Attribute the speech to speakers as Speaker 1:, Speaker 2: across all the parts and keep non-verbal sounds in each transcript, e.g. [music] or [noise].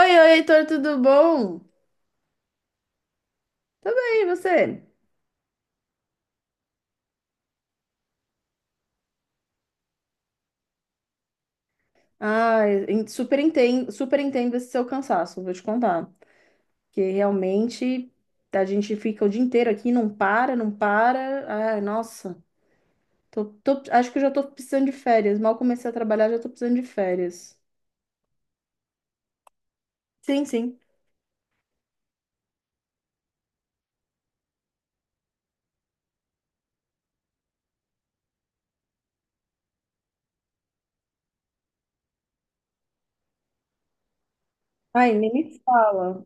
Speaker 1: Oi, oi, Heitor, tudo bom? Tudo bem, e você? Ai, super entendo esse seu cansaço, vou te contar. Que realmente a gente fica o dia inteiro aqui, não para, não para. Ai, nossa, acho que eu já tô precisando de férias. Mal comecei a trabalhar, já tô precisando de férias. Sim, sim. Ai, nem me fala.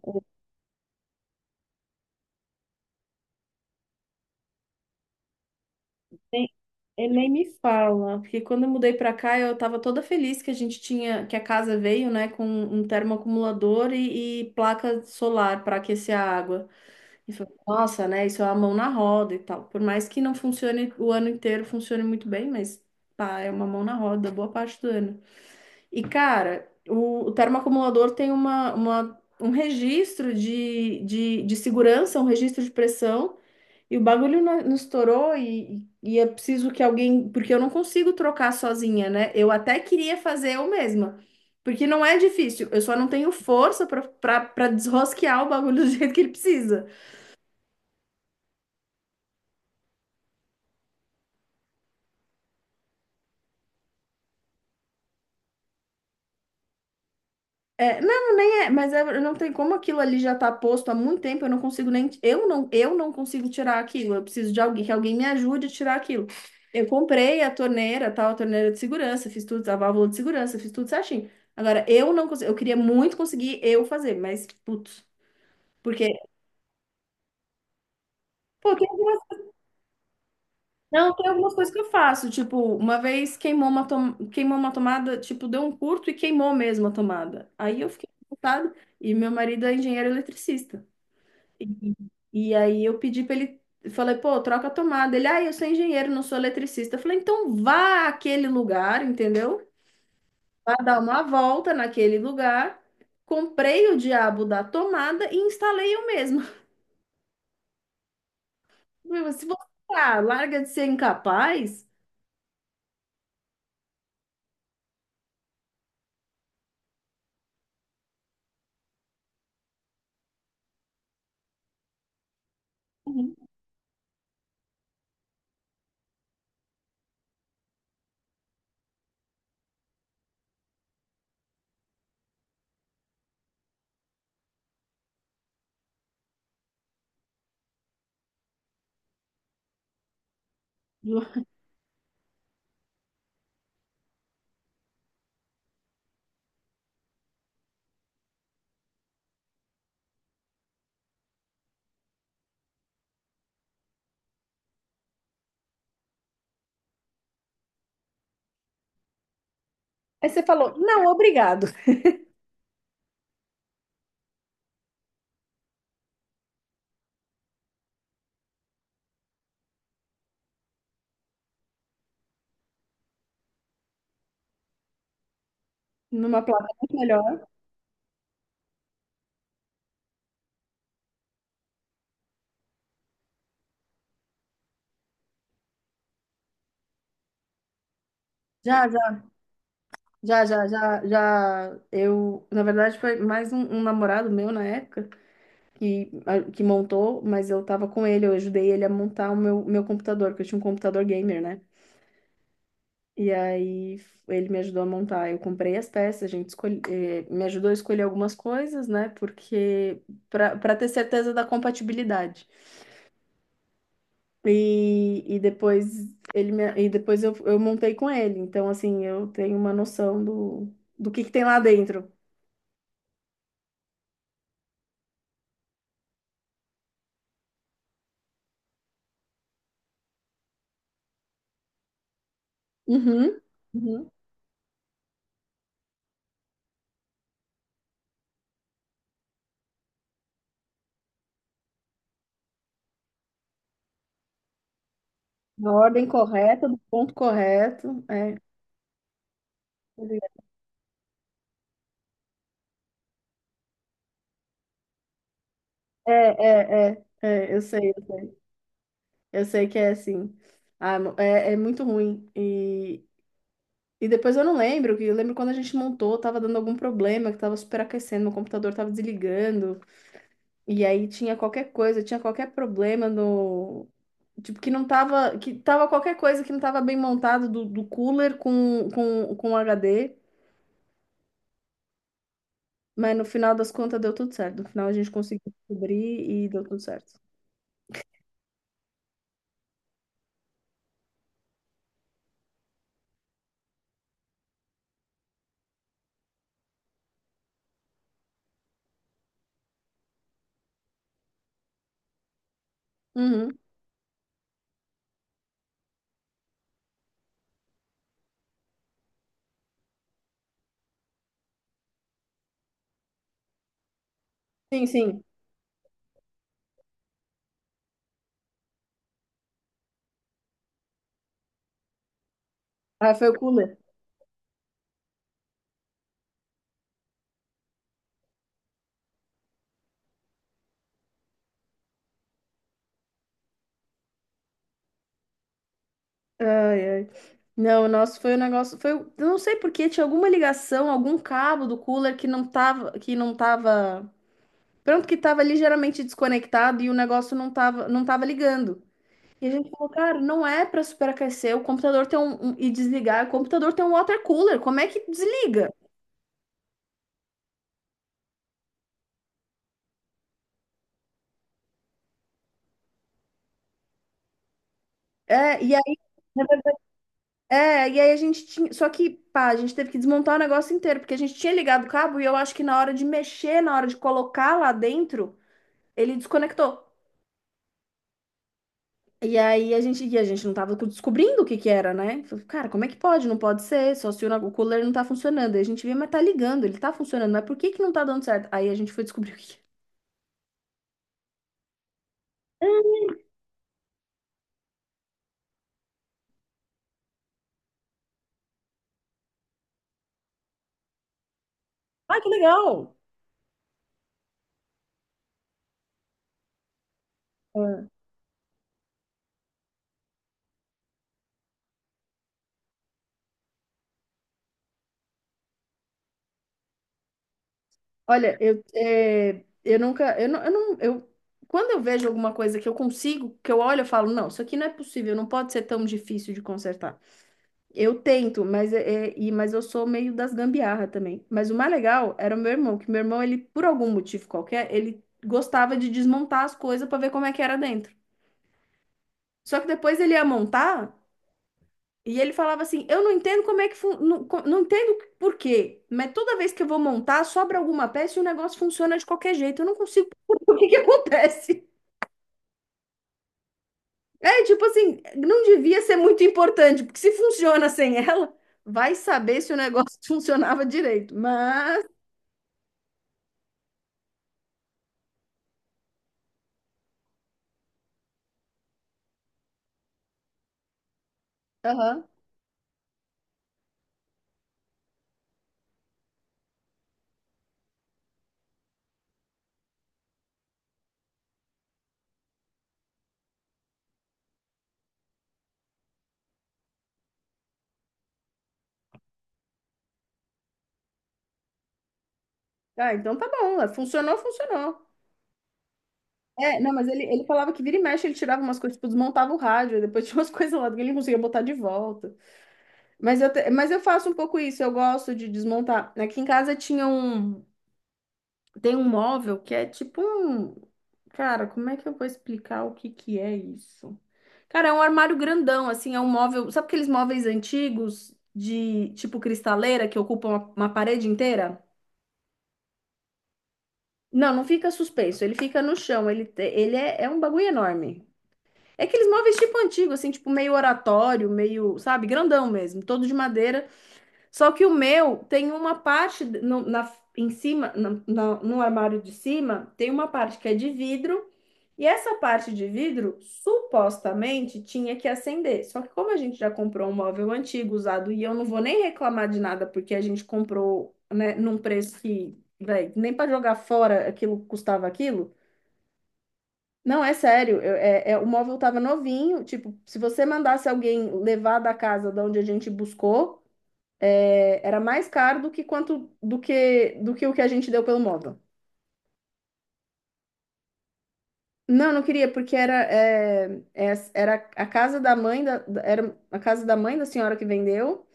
Speaker 1: E nem me fala, porque quando eu mudei pra cá, eu tava toda feliz que a gente tinha, que a casa veio, né, com um termoacumulador e placa solar para aquecer a água. E falei, nossa, né, isso é a mão na roda e tal. Por mais que não funcione o ano inteiro, funcione muito bem, mas pá, é uma mão na roda boa parte do ano. E cara, o termoacumulador tem um registro de segurança, um registro de pressão. E o bagulho não, não estourou e é preciso que alguém, porque eu não consigo trocar sozinha, né? Eu até queria fazer eu mesma, porque não é difícil, eu só não tenho força para desrosquear o bagulho do [laughs] jeito que ele precisa. É, não, nem é, mas não tem como aquilo ali já tá posto há muito tempo, eu não consigo nem, eu não consigo tirar aquilo, eu preciso de alguém, que alguém me ajude a tirar aquilo. Eu comprei a torneira, tal, a torneira de segurança, fiz tudo, a válvula de segurança, fiz tudo certinho. Agora, eu não consigo, eu queria muito conseguir eu fazer, mas, putz, porque, pô, tem algumas, não, tem algumas coisas que eu faço, tipo, uma vez queimou uma, tom, queimou uma tomada, tipo, deu um curto e queimou mesmo a tomada. Aí eu fiquei revoltada, e meu marido é engenheiro eletricista. E, e aí eu pedi para ele, falei, pô, troca a tomada. Ele, ah, eu sou engenheiro, não sou eletricista. Eu falei, então vá àquele lugar, entendeu? Vá dar uma volta naquele lugar. Comprei o diabo da tomada e instalei eu mesma. [laughs] Se você ah, larga de ser incapaz. Uhum. Aí você falou, não, obrigado. Numa placa muito melhor. Já, já, já, já, já, já. Eu, na verdade, foi mais um namorado meu na época. Que, que montou, mas eu tava com ele, eu ajudei ele a montar o meu, meu computador, porque eu tinha um computador gamer, né? E aí ele me ajudou a montar. Eu comprei as peças, a gente escolhe, eh, me ajudou a escolher algumas coisas, né? Porque para ter certeza da compatibilidade. E depois eu montei com ele. Então, assim, eu tenho uma noção do, do que tem lá dentro. Uhum, uhum. Na ordem correta, do ponto correto. É. É, é, é, é, eu sei, eu sei, eu sei que é assim. Ah, é, é muito ruim. E depois eu não lembro, que eu lembro quando a gente montou, tava dando algum problema, que tava superaquecendo, meu computador tava desligando, e aí tinha qualquer coisa, tinha qualquer problema no. Tipo, que não tava. Que tava qualquer coisa que não tava bem montado do, do cooler com HD, mas no final das contas deu tudo certo. No final a gente conseguiu descobrir e deu tudo certo. Uhum. Sim, sim. Ah, foi o cooler. Ai, ai. Não, o nosso foi um negócio, foi, eu não sei por quê, tinha alguma ligação, algum cabo do cooler que não tava, pronto, que tava ligeiramente desconectado e o negócio não tava, não tava ligando. E a gente falou, cara, não é para superaquecer, o computador tem um, e desligar, o computador tem um water cooler, como é que desliga? É, e aí, é, e aí a gente tinha, só que, pá, a gente teve que desmontar o negócio inteiro, porque a gente tinha ligado o cabo e eu acho que na hora de mexer, na hora de colocar lá dentro, ele desconectou. E aí a gente, e a gente não tava descobrindo o que que era, né? Falei, cara, como é que pode? Não pode ser, só se o, o cooler não tá funcionando. Aí a gente vê, mas tá ligando, ele tá funcionando, mas por que que não tá dando certo? Aí a gente foi descobrir o que que é. [laughs] Ah, que legal! É. Olha, eu, é, eu nunca, eu não, eu não, eu, quando eu vejo alguma coisa que eu consigo, que eu olho, eu falo, não, isso aqui não é possível, não pode ser tão difícil de consertar. Eu tento, mas, é, e, mas eu sou meio das gambiarra também. Mas o mais legal era o meu irmão, que meu irmão, ele, por algum motivo qualquer, ele gostava de desmontar as coisas para ver como é que era dentro. Só que depois ele ia montar e ele falava assim: eu não entendo como é que não, não entendo por quê, mas toda vez que eu vou montar, sobra alguma peça e o negócio funciona de qualquer jeito. Eu não consigo. [laughs] O que que acontece? É tipo assim, não devia ser muito importante, porque se funciona sem ela, vai saber se o negócio [laughs] funcionava direito. Mas. Aham. Ah, então tá bom. É, funcionou, funcionou. É, não, mas ele falava que vira e mexe, ele tirava umas coisas, tipo, desmontava o rádio, aí depois tinha umas [laughs] coisas lá que ele não conseguia botar de volta. Mas eu, mas eu faço um pouco isso, eu gosto de desmontar. Aqui em casa tinha um, tem um móvel que é tipo um, cara, como é que eu vou explicar o que que é isso? Cara, é um armário grandão, assim, é um móvel, sabe aqueles móveis antigos de tipo cristaleira que ocupam uma parede inteira? Não, não fica suspenso, ele fica no chão, ele, ele é, é um bagulho enorme. É aqueles móveis tipo antigo, assim, tipo meio oratório, meio, sabe, grandão mesmo, todo de madeira. Só que o meu tem uma parte na, em cima, no armário de cima, tem uma parte que é de vidro, e essa parte de vidro supostamente tinha que acender. Só que como a gente já comprou um móvel antigo, usado, e eu não vou nem reclamar de nada, porque a gente comprou, né, num preço que, véi, nem para jogar fora aquilo custava aquilo. Não, é sério, é, o móvel tava novinho, tipo, se você mandasse alguém levar da casa de onde a gente buscou, é, era mais caro do que quanto do que o que a gente deu pelo móvel. Não, não queria, porque era, é, é, era a casa da mãe da, era a casa da mãe da senhora que vendeu.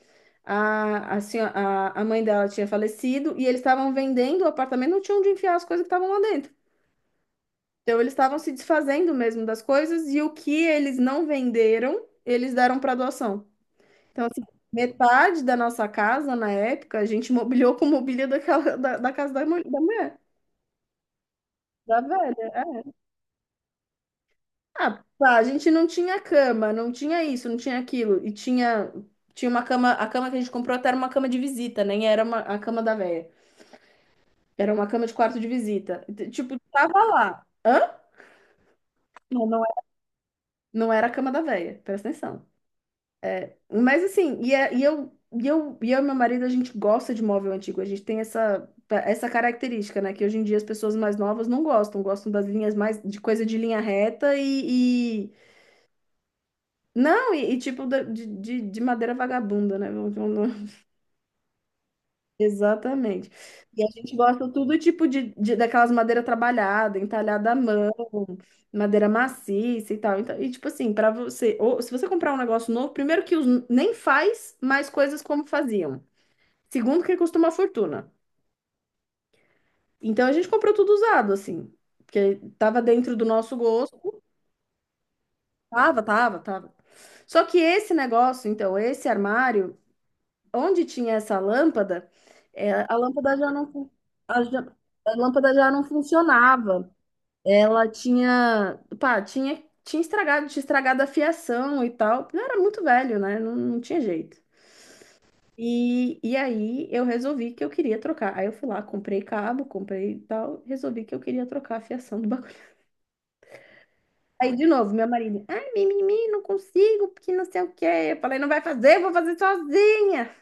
Speaker 1: A, a mãe dela tinha falecido e eles estavam vendendo o apartamento, não tinham onde enfiar as coisas que estavam lá dentro. Então eles estavam se desfazendo mesmo das coisas e o que eles não venderam, eles deram para doação. Então, assim, metade da nossa casa na época, a gente [laughs] mobiliou com mobília daquela, da, da casa da, da mulher, da velha. Ah, pá, a gente não tinha cama, não tinha isso, não tinha aquilo. E tinha, tinha uma cama, a cama que a gente comprou até era uma cama de visita, nem era uma, a cama da véia. Era uma cama de quarto de visita. Tipo, tava lá. Hã? Não, não era, não era a cama da véia, presta atenção. É, mas assim, e, e eu, e eu, e eu e meu marido, a gente gosta de móvel antigo, a gente tem essa, essa característica, né? Que hoje em dia as pessoas mais novas não gostam, gostam das linhas mais, de coisa de linha reta. Não, e tipo de madeira vagabunda, né? [laughs] Exatamente. E a gente gosta tudo tipo de, daquelas madeira trabalhada, entalhada à mão, madeira maciça e tal. Então, e tipo assim, para você, ou se você comprar um negócio novo, primeiro que nem faz mais coisas como faziam. Segundo que custa uma fortuna. Então a gente comprou tudo usado, assim, porque tava dentro do nosso gosto. Tava, tava, tava. Só que esse negócio, então, esse armário onde tinha essa lâmpada, é, a lâmpada já não, a, a lâmpada já não funcionava. Ela tinha, pá, tinha, tinha estragado a fiação e tal. Eu era muito velho, né? Não, não tinha jeito. E aí eu resolvi que eu queria trocar. Aí eu fui lá, comprei cabo, comprei e tal, resolvi que eu queria trocar a fiação do [laughs] bagulho. Aí de novo, meu marido, ai, mimimi, não consigo, porque não sei o quê. Eu falei, não vai fazer, eu vou fazer sozinha.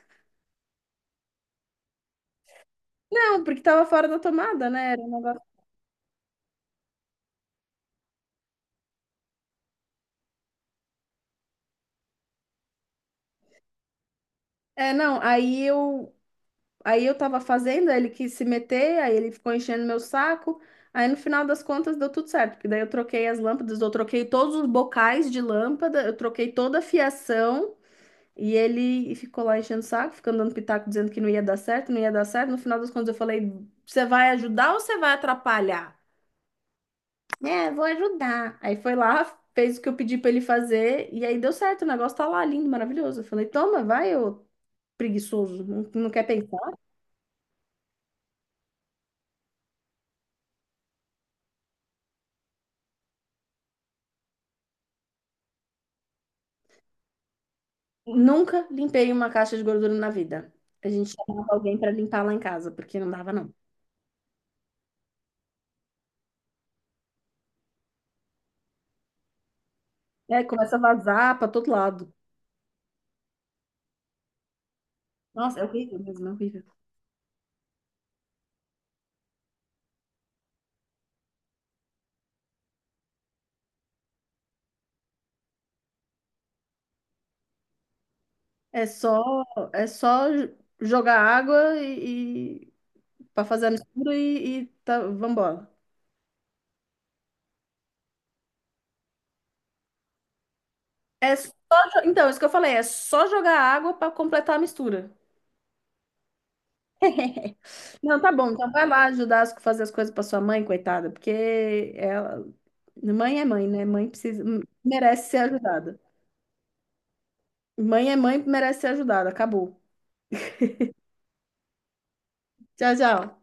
Speaker 1: Não, porque tava fora da tomada, né? Era um negócio. É, não, aí eu tava fazendo, aí ele quis se meter, aí ele ficou enchendo meu saco. Aí no final das contas deu tudo certo, porque daí eu troquei as lâmpadas, eu troquei todos os bocais de lâmpada, eu troquei toda a fiação e ele ficou lá enchendo o saco, ficando dando pitaco dizendo que não ia dar certo, não ia dar certo. No final das contas eu falei: "Você vai ajudar ou você vai atrapalhar?" É, vou ajudar. Aí foi lá, fez o que eu pedi pra ele fazer e aí deu certo, o negócio tá lá lindo, maravilhoso. Eu falei: "Toma, vai, ô preguiçoso, não, não quer pensar." Nunca limpei uma caixa de gordura na vida. A gente chamava alguém para limpar lá em casa, porque não dava, não. É, começa a vazar para todo lado. Nossa, é horrível mesmo, é horrível. É só, é só jogar água e para fazer a mistura e tá, vambora. É só, então, isso que eu falei, é só jogar água para completar a mistura. [laughs] Não, tá bom, então vai lá ajudar a fazer as coisas para sua mãe, coitada, porque ela, mãe é mãe, né? Mãe precisa, merece ser ajudada. Mãe é mãe, merece ser ajudada. Acabou. Tchau, tchau.